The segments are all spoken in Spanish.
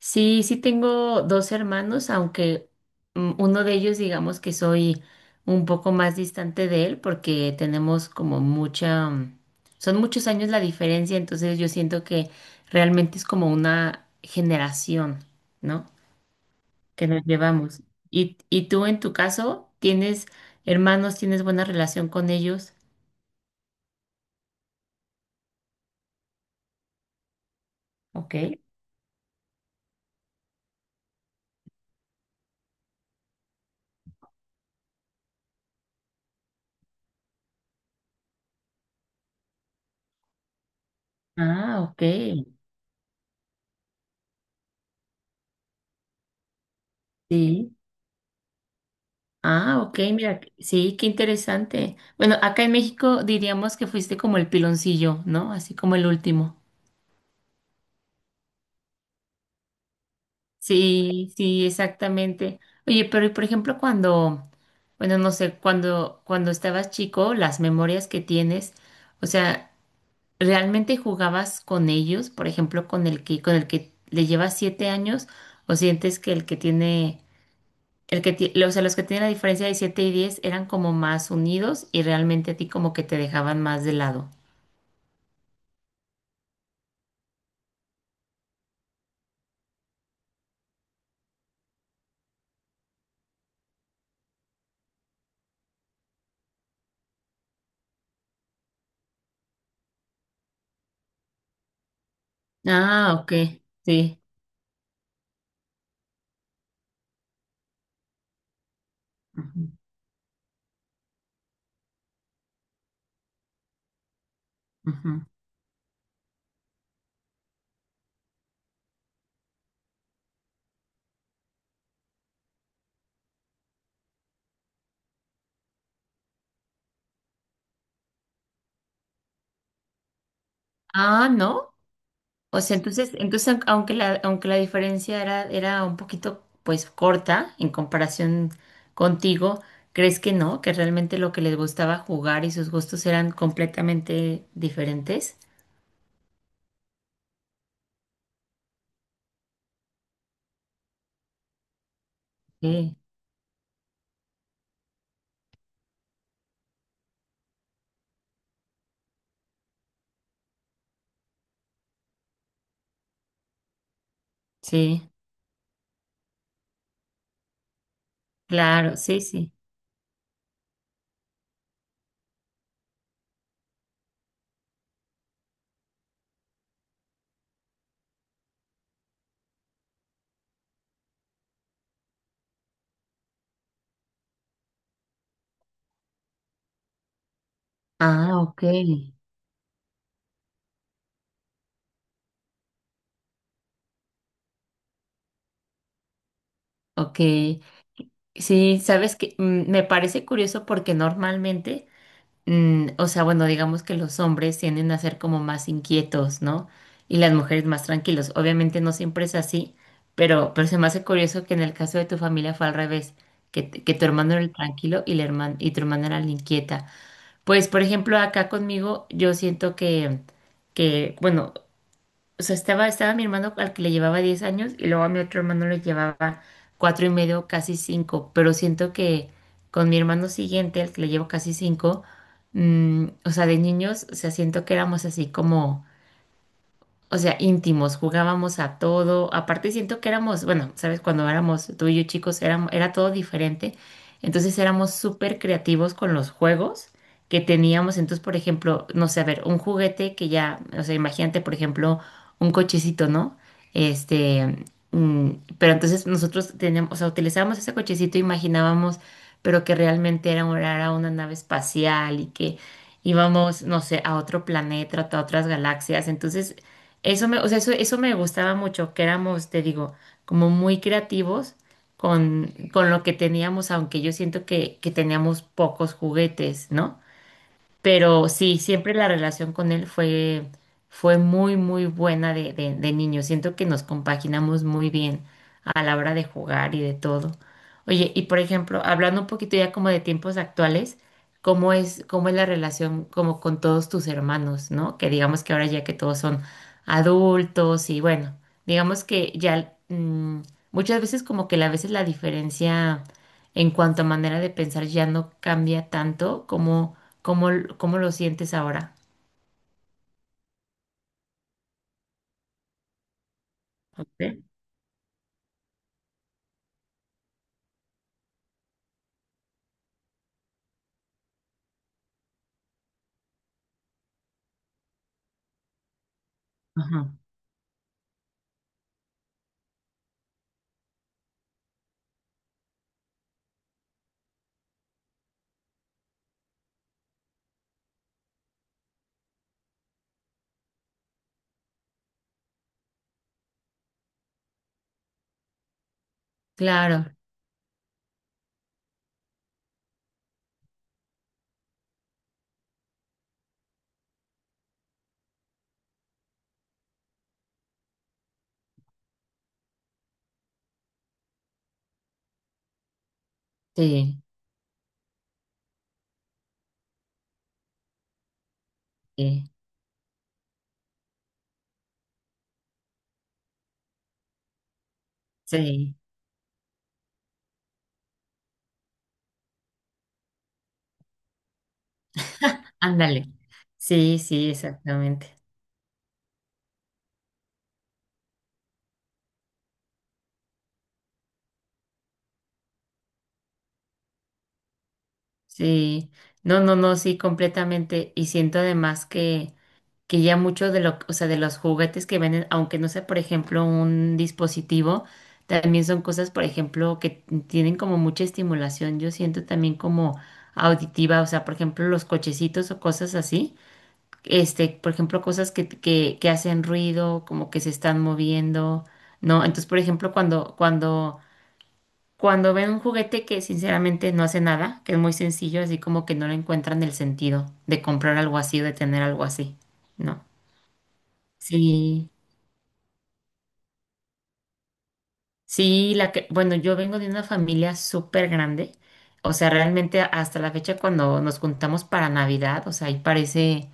Sí, sí tengo dos hermanos, aunque uno de ellos digamos que soy un poco más distante de él porque tenemos como son muchos años la diferencia, entonces yo siento que realmente es como una generación, ¿no? Que nos llevamos. ¿Y tú en tu caso tienes hermanos, ¿tienes buena relación con ellos? Ok. Ah, ok. Sí. Ah, ok, mira, sí, qué interesante. Bueno, acá en México diríamos que fuiste como el piloncillo, ¿no? Así como el último. Sí, sí, exactamente. Oye, pero y por ejemplo, cuando, bueno, no sé, cuando estabas chico, las memorias que tienes, o sea, ¿realmente jugabas con ellos? Por ejemplo, con el que le llevas 7 años, o sientes que el que tiene El que, ti- los que tienen la diferencia de 7 y 10 eran como más unidos y realmente a ti como que te dejaban más de lado. Ah, ok, sí. Ujú, ujú. Ah, ¿no? O sea, entonces, entonces aun- aunque la diferencia era, era un poquito pues corta en comparación contigo, ¿crees que no? Que realmente lo que les gustaba jugar y sus gustos eran completamente diferentes. Sí, sí, claro, sí, sí. Ah, ok, ok. Sí, sabes que me parece curioso porque normalmente, o sea, bueno, digamos que los hombres tienden a ser como más inquietos, ¿no? Y las mujeres más tranquilos. Obviamente no siempre es así, pero se me hace curioso que en el caso de tu familia fue al revés, que, t- que tu hermano era el tranquilo y, la herman- y tu hermana era la inquieta. Pues, por ejemplo, acá conmigo yo siento que, bueno, o sea, estaba mi hermano al que le llevaba 10 años y luego a mi otro hermano le llevaba cuatro y medio, casi cinco, pero siento que con mi hermano siguiente, al que le llevo casi cinco, o sea, de niños, o sea, siento que éramos así como o sea, íntimos, jugábamos a todo. Aparte siento que éramos, bueno, sabes, cuando éramos tú y yo chicos, era todo diferente. Entonces éramos súper creativos con los juegos que teníamos. Entonces, por ejemplo, no sé, a ver, un juguete que ya, o sea, imagínate, por ejemplo, un cochecito, ¿no? Este, mm, pero entonces nosotros teníamos, o sea, utilizábamos ese cochecito, imaginábamos, pero que realmente era, era una nave espacial y que íbamos, no sé, a otro planeta, a otras galaxias. Entonces, eso me, o sea, eso me gustaba mucho, que éramos, te digo, como muy creativos con lo que teníamos, aunque yo siento que teníamos pocos juguetes, ¿no? Pero sí, siempre la relación con él fue, fue muy, muy buena de niño. Siento que nos compaginamos muy bien a la hora de jugar y de todo. Oye, y por ejemplo, hablando un poquito ya como de tiempos actuales, ¿cómo es la relación como con todos tus hermanos, ¿no? Que digamos que ahora ya que todos son adultos y bueno, digamos que ya muchas veces como que a veces la diferencia en cuanto a manera de pensar ya no cambia tanto como, como lo sientes ahora. ¿Ok? Ajá. Claro, sí, sí, sí, ándale. Sí, sí, exactamente. Sí, no, no, no, sí, completamente. Y siento además que ya mucho de lo, o sea, de los juguetes que venden, aunque no sea, por ejemplo, un dispositivo, también son cosas, por ejemplo, que tienen como mucha estimulación. Yo siento también como auditiva, o sea, por ejemplo, los cochecitos o cosas así. Este, por ejemplo, cosas que hacen ruido, como que se están moviendo, ¿no? Entonces, por ejemplo, cuando, cuando, cuando ven un juguete que sinceramente no hace nada, que es muy sencillo, así como que no le encuentran el sentido de comprar algo así o de tener algo así, ¿no? Sí, sí, bueno, yo vengo de una familia súper grande, o sea, realmente hasta la fecha cuando nos juntamos para Navidad, o sea, ahí parece,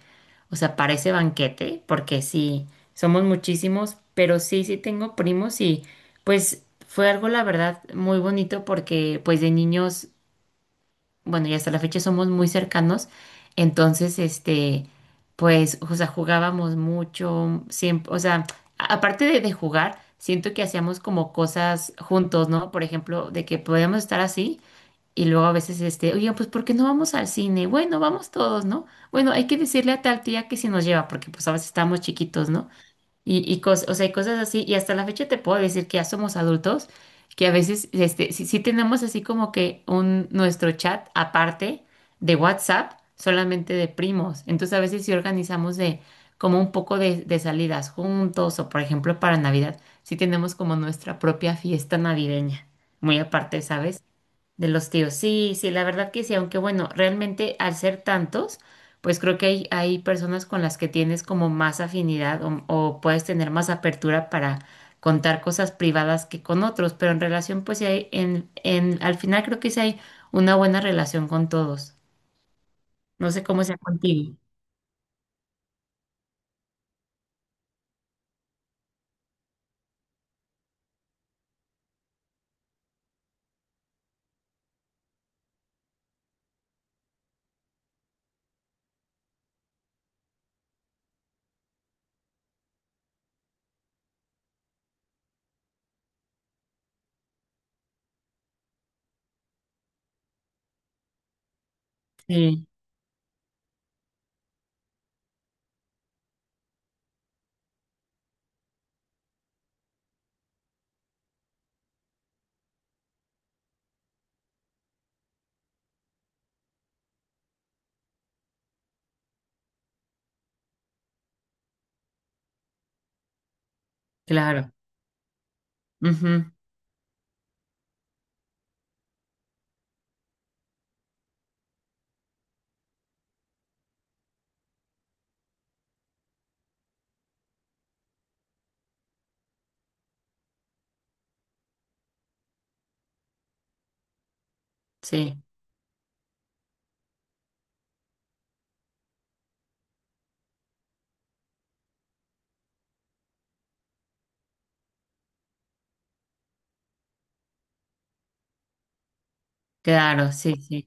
o sea, parece banquete, porque sí, somos muchísimos, pero sí, sí tengo primos y pues fue algo, la verdad, muy bonito porque pues de niños bueno, y hasta la fecha somos muy cercanos, entonces, este, pues, o sea, jugábamos mucho, siempre, o sea, a- aparte de jugar, siento que hacíamos como cosas juntos, ¿no? Por ejemplo, de que podíamos estar así y luego a veces, este, oye, pues, ¿por qué no vamos al cine? Bueno, vamos todos, ¿no? Bueno, hay que decirle a tal tía que si nos lleva, porque pues a veces estábamos chiquitos, ¿no? Y cos- o sea, y cosas así, y hasta la fecha te puedo decir que ya somos adultos, que a veces este, sí, sí tenemos así como que un, nuestro chat aparte de WhatsApp, solamente de primos. Entonces a veces sí organizamos de como un poco de salidas juntos, o por ejemplo para Navidad, sí tenemos como nuestra propia fiesta navideña, muy aparte, ¿sabes? De los tíos, sí, sí, la verdad que sí, aunque bueno, realmente al ser tantos, pues creo que hay personas con las que tienes como más afinidad o puedes tener más apertura para contar cosas privadas que con otros, pero en relación, pues sí hay, al final creo que sí hay una buena relación con todos. No sé cómo sea contigo. Sí, claro. Ujú, sí, claro, sí, sí,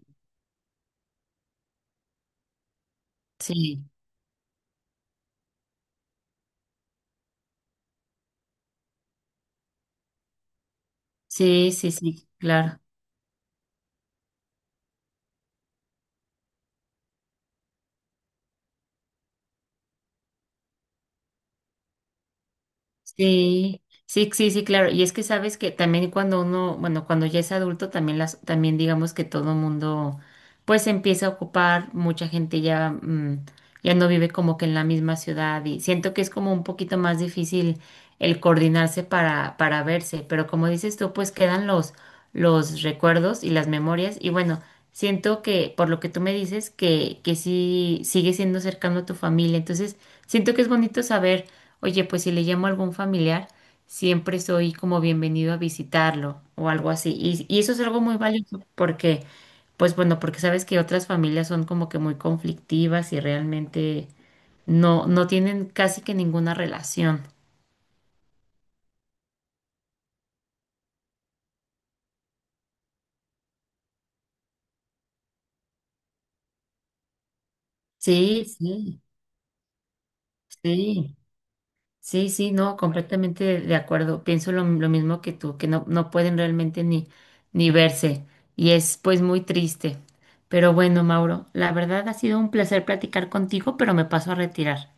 sí, sí, sí, sí, claro. Sí, sí, sí, sí, claro. Y es que sabes que también cuando uno, bueno, cuando ya es adulto, también también digamos que todo el mundo, pues se empieza a ocupar, mucha gente ya, ya no vive como que en la misma ciudad y siento que es como un poquito más difícil el coordinarse para verse, pero como dices tú, pues quedan los recuerdos y las memorias. Y bueno, siento que por lo que tú me dices, que sí sigue siendo cercano a tu familia. Entonces, siento que es bonito saber, oye, pues si le llamo a algún familiar, siempre soy como bienvenido a visitarlo o algo así. Y eso es algo muy valioso porque, pues bueno, porque sabes que otras familias son como que muy conflictivas y realmente no, no tienen casi que ninguna relación. Sí, sí, sí. Sí, sí, no, completamente de acuerdo. Pienso lo mismo que tú, que no, no pueden realmente ni, ni verse y es pues muy triste. Pero bueno, Mauro, la verdad ha sido un placer platicar contigo, pero me paso a retirar.